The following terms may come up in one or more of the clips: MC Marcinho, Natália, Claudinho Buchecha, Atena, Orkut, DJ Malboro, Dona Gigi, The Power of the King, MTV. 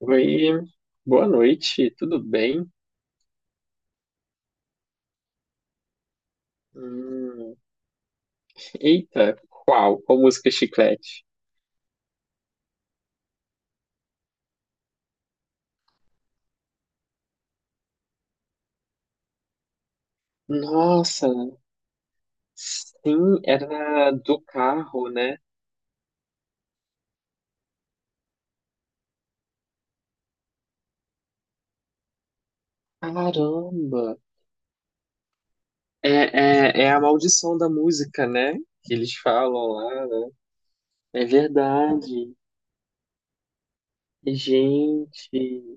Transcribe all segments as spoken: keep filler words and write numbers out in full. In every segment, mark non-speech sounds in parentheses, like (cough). Oi, boa noite, tudo bem? Hum, eita, qual? Qual música Chiclete? Nossa, sim, era do carro, né? Caramba! É, é, é a maldição da música, né? Que eles falam lá. Né? É verdade. Gente,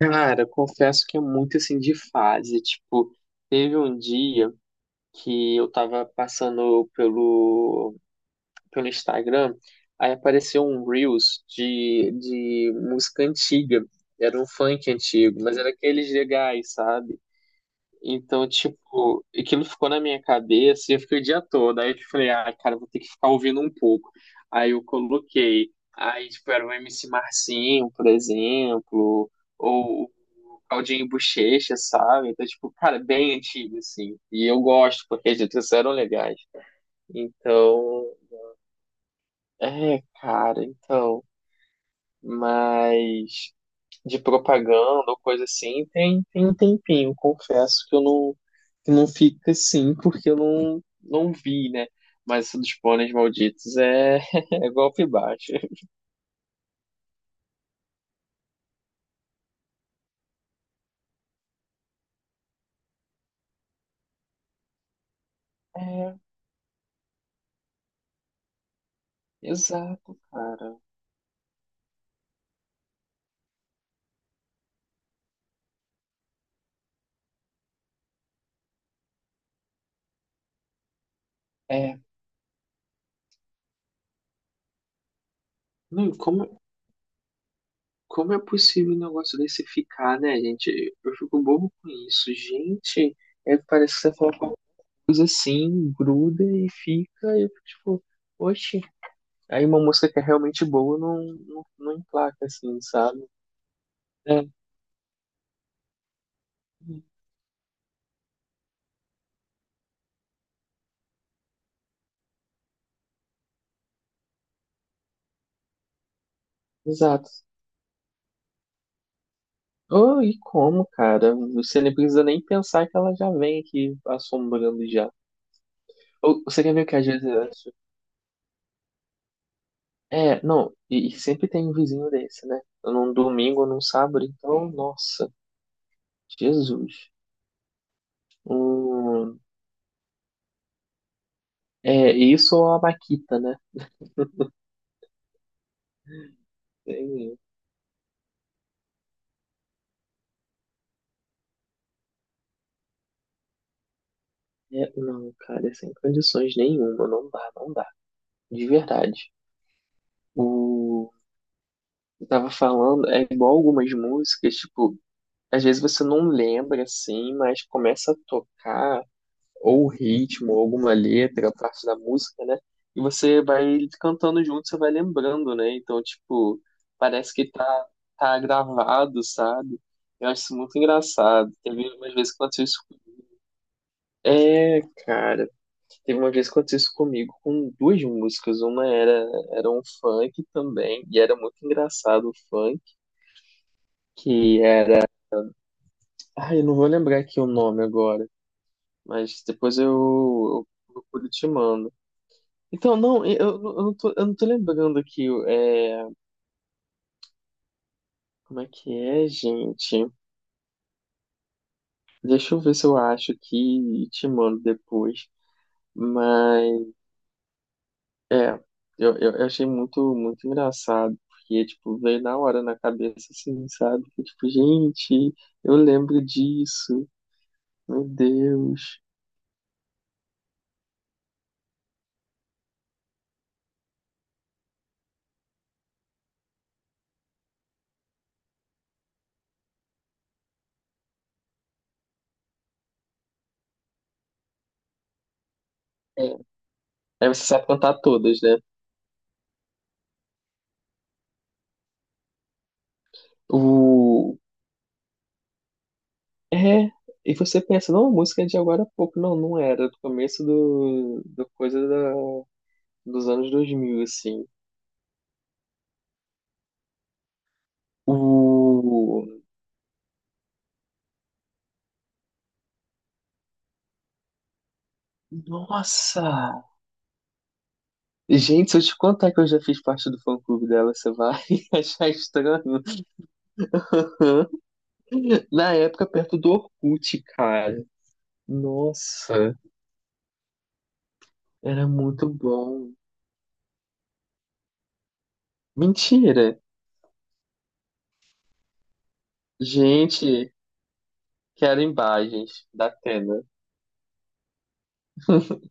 cara, confesso que é muito assim de fase. Tipo, teve um dia que eu tava passando pelo pelo Instagram, aí apareceu um Reels de, de música antiga. Era um funk antigo, mas era aqueles legais, sabe? Então, tipo, aquilo ficou na minha cabeça e eu fiquei o dia todo. Aí eu tipo, falei, ah, cara, vou ter que ficar ouvindo um pouco. Aí eu coloquei. Aí, tipo, era o M C Marcinho, por exemplo, ou o Claudinho Buchecha, sabe? Então, tipo, cara, bem antigo, assim. E eu gosto, porque as letras eram legais. Então, é, cara, então, mas de propaganda ou coisa assim, tem, tem um tempinho, confesso que eu não, que não fica assim, porque eu não, não vi, né? Mas isso dos pôneis malditos é, (laughs) é golpe baixo. É, exato, cara. É, não, e como, como é possível um negócio desse ficar, né, gente? Eu fico bobo com isso, gente. É, parece que você fala qualquer coisa assim, gruda e fica, e eu fico tipo, oxe. Aí uma música que é realmente boa não, não, não emplaca, assim, sabe? É, exato. Oh, e como, cara? Você nem precisa nem pensar que ela já vem aqui assombrando já. Ou, você quer ver o que às vezes eu acho? É, não, e, e sempre tem um vizinho desse, né? Num domingo ou num sábado, então, nossa, Jesus. Hum, é, isso ou a Maquita, né? Tem- é, não, cara, sem condições nenhuma, não dá, não dá. De verdade. Eu tava falando, é igual algumas músicas, tipo, às vezes você não lembra assim, mas começa a tocar ou o ritmo, ou alguma letra, parte da música, né? E você vai cantando junto, você vai lembrando, né? Então, tipo, parece que tá, tá gravado, sabe? Eu acho isso muito engraçado. Teve umas vezes que aconteceu isso. É, cara, teve uma vez que aconteceu isso comigo com duas músicas. Uma era, era um funk também, e era muito engraçado o funk, que ai, eu não vou lembrar aqui o nome agora, mas depois eu, eu procuro e te mando. Então, não, eu, eu não tô, eu não tô lembrando aqui, é, como é que é, gente? Deixa eu ver se eu acho aqui e te mando depois. Mas, é, eu, eu, eu achei muito, muito engraçado, porque, tipo, veio na hora na cabeça, assim, sabe? Que, tipo, gente, eu lembro disso, meu Deus. É, aí você sabe contar todas, né? O, é, e você pensa, não, a música é de agora há pouco. Não, não era, do começo do, do coisa da, dos anos dois mil assim. O... Nossa! Gente, se eu te contar que eu já fiz parte do fã-clube dela, você vai (laughs) achar estranho. Na época, perto do Orkut, cara. Nossa, era muito bom. Mentira! Gente, quero imagens da Atena. (laughs)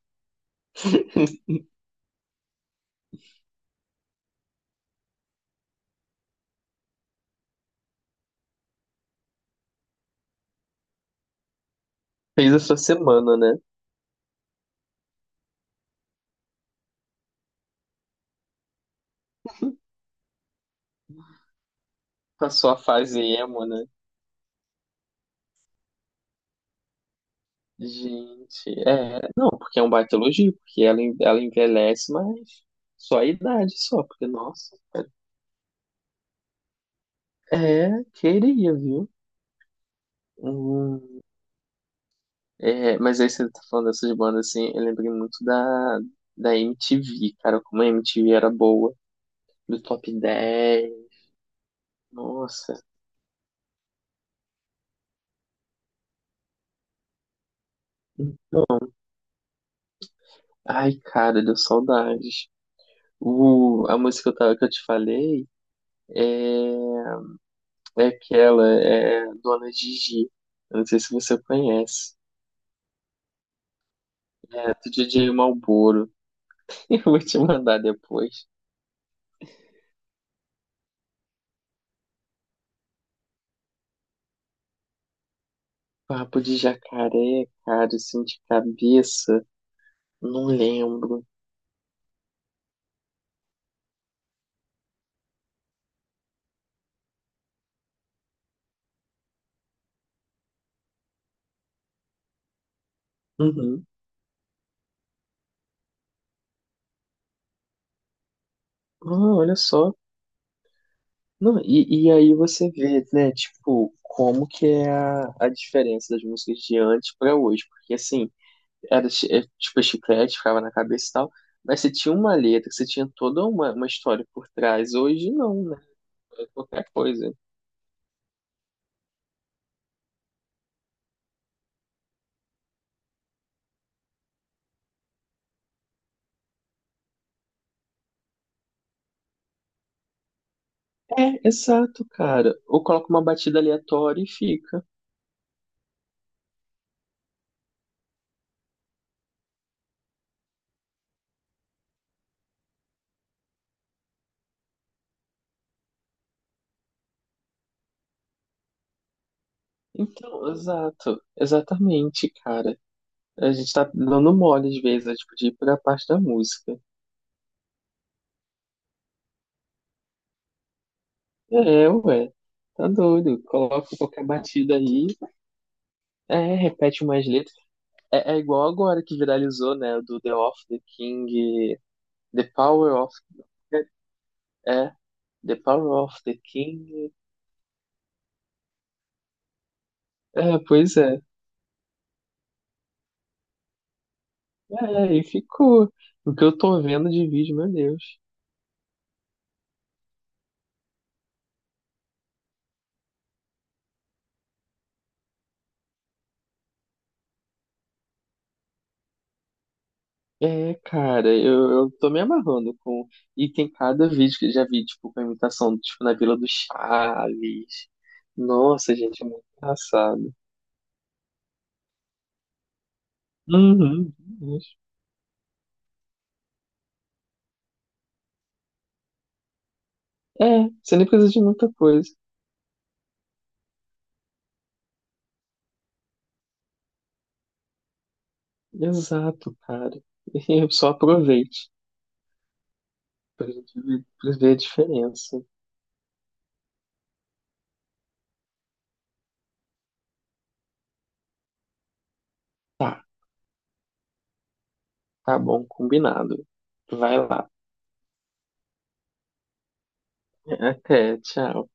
Fez essa semana, né? Passou a fase emo, né? Gente, é, não, porque é um baita elogio, porque ela, en- ela envelhece, mas só a idade só, porque, nossa, é, queria, viu? Hum, é, mas aí você tá falando dessas bandas, assim, eu lembrei muito da, da M T V, cara, como a M T V era boa, do Top dez, nossa, ai, cara, deu saudades. O, a música que eu, tava, que eu te falei é, é aquela, é Dona Gigi, eu não sei se você conhece. É, do D J Malboro. (laughs) Eu vou te mandar depois. Papo de jacaré, cara, assim, de cabeça. Não lembro. Uhum. Ah, olha só. Não, e, e aí você vê, né, tipo, como que é a, a diferença das músicas de antes pra hoje. Porque, assim, era chi- é, tipo chiclete, ficava na cabeça e tal. Mas você tinha uma letra, você tinha toda uma, uma história por trás. Hoje não, né? É qualquer coisa. É, exato, cara. Ou coloca uma batida aleatória e fica. Então, exato, exatamente, cara. A gente tá dando mole às vezes, é, tipo, de ir pra parte da música. É, ué, tá doido. Coloca qualquer batida aí, é, repete umas letras. É, é igual agora que viralizou, né, do The of the King, The Power of é, The Power of the King. É, pois é. É, e ficou. O que eu tô vendo de vídeo, meu Deus. É, cara, eu, eu tô me amarrando com. E tem cada vídeo que eu já vi, tipo, com a imitação, tipo, na Vila do Chaves. Nossa, gente, é muito engraçado. Uhum. Uhum. É, você nem precisa de muita coisa. Exato, cara. (laughs) Eu só aproveite pra gente ver pra ver a diferença. Tá, tá bom, combinado. Vai lá. Até, tchau.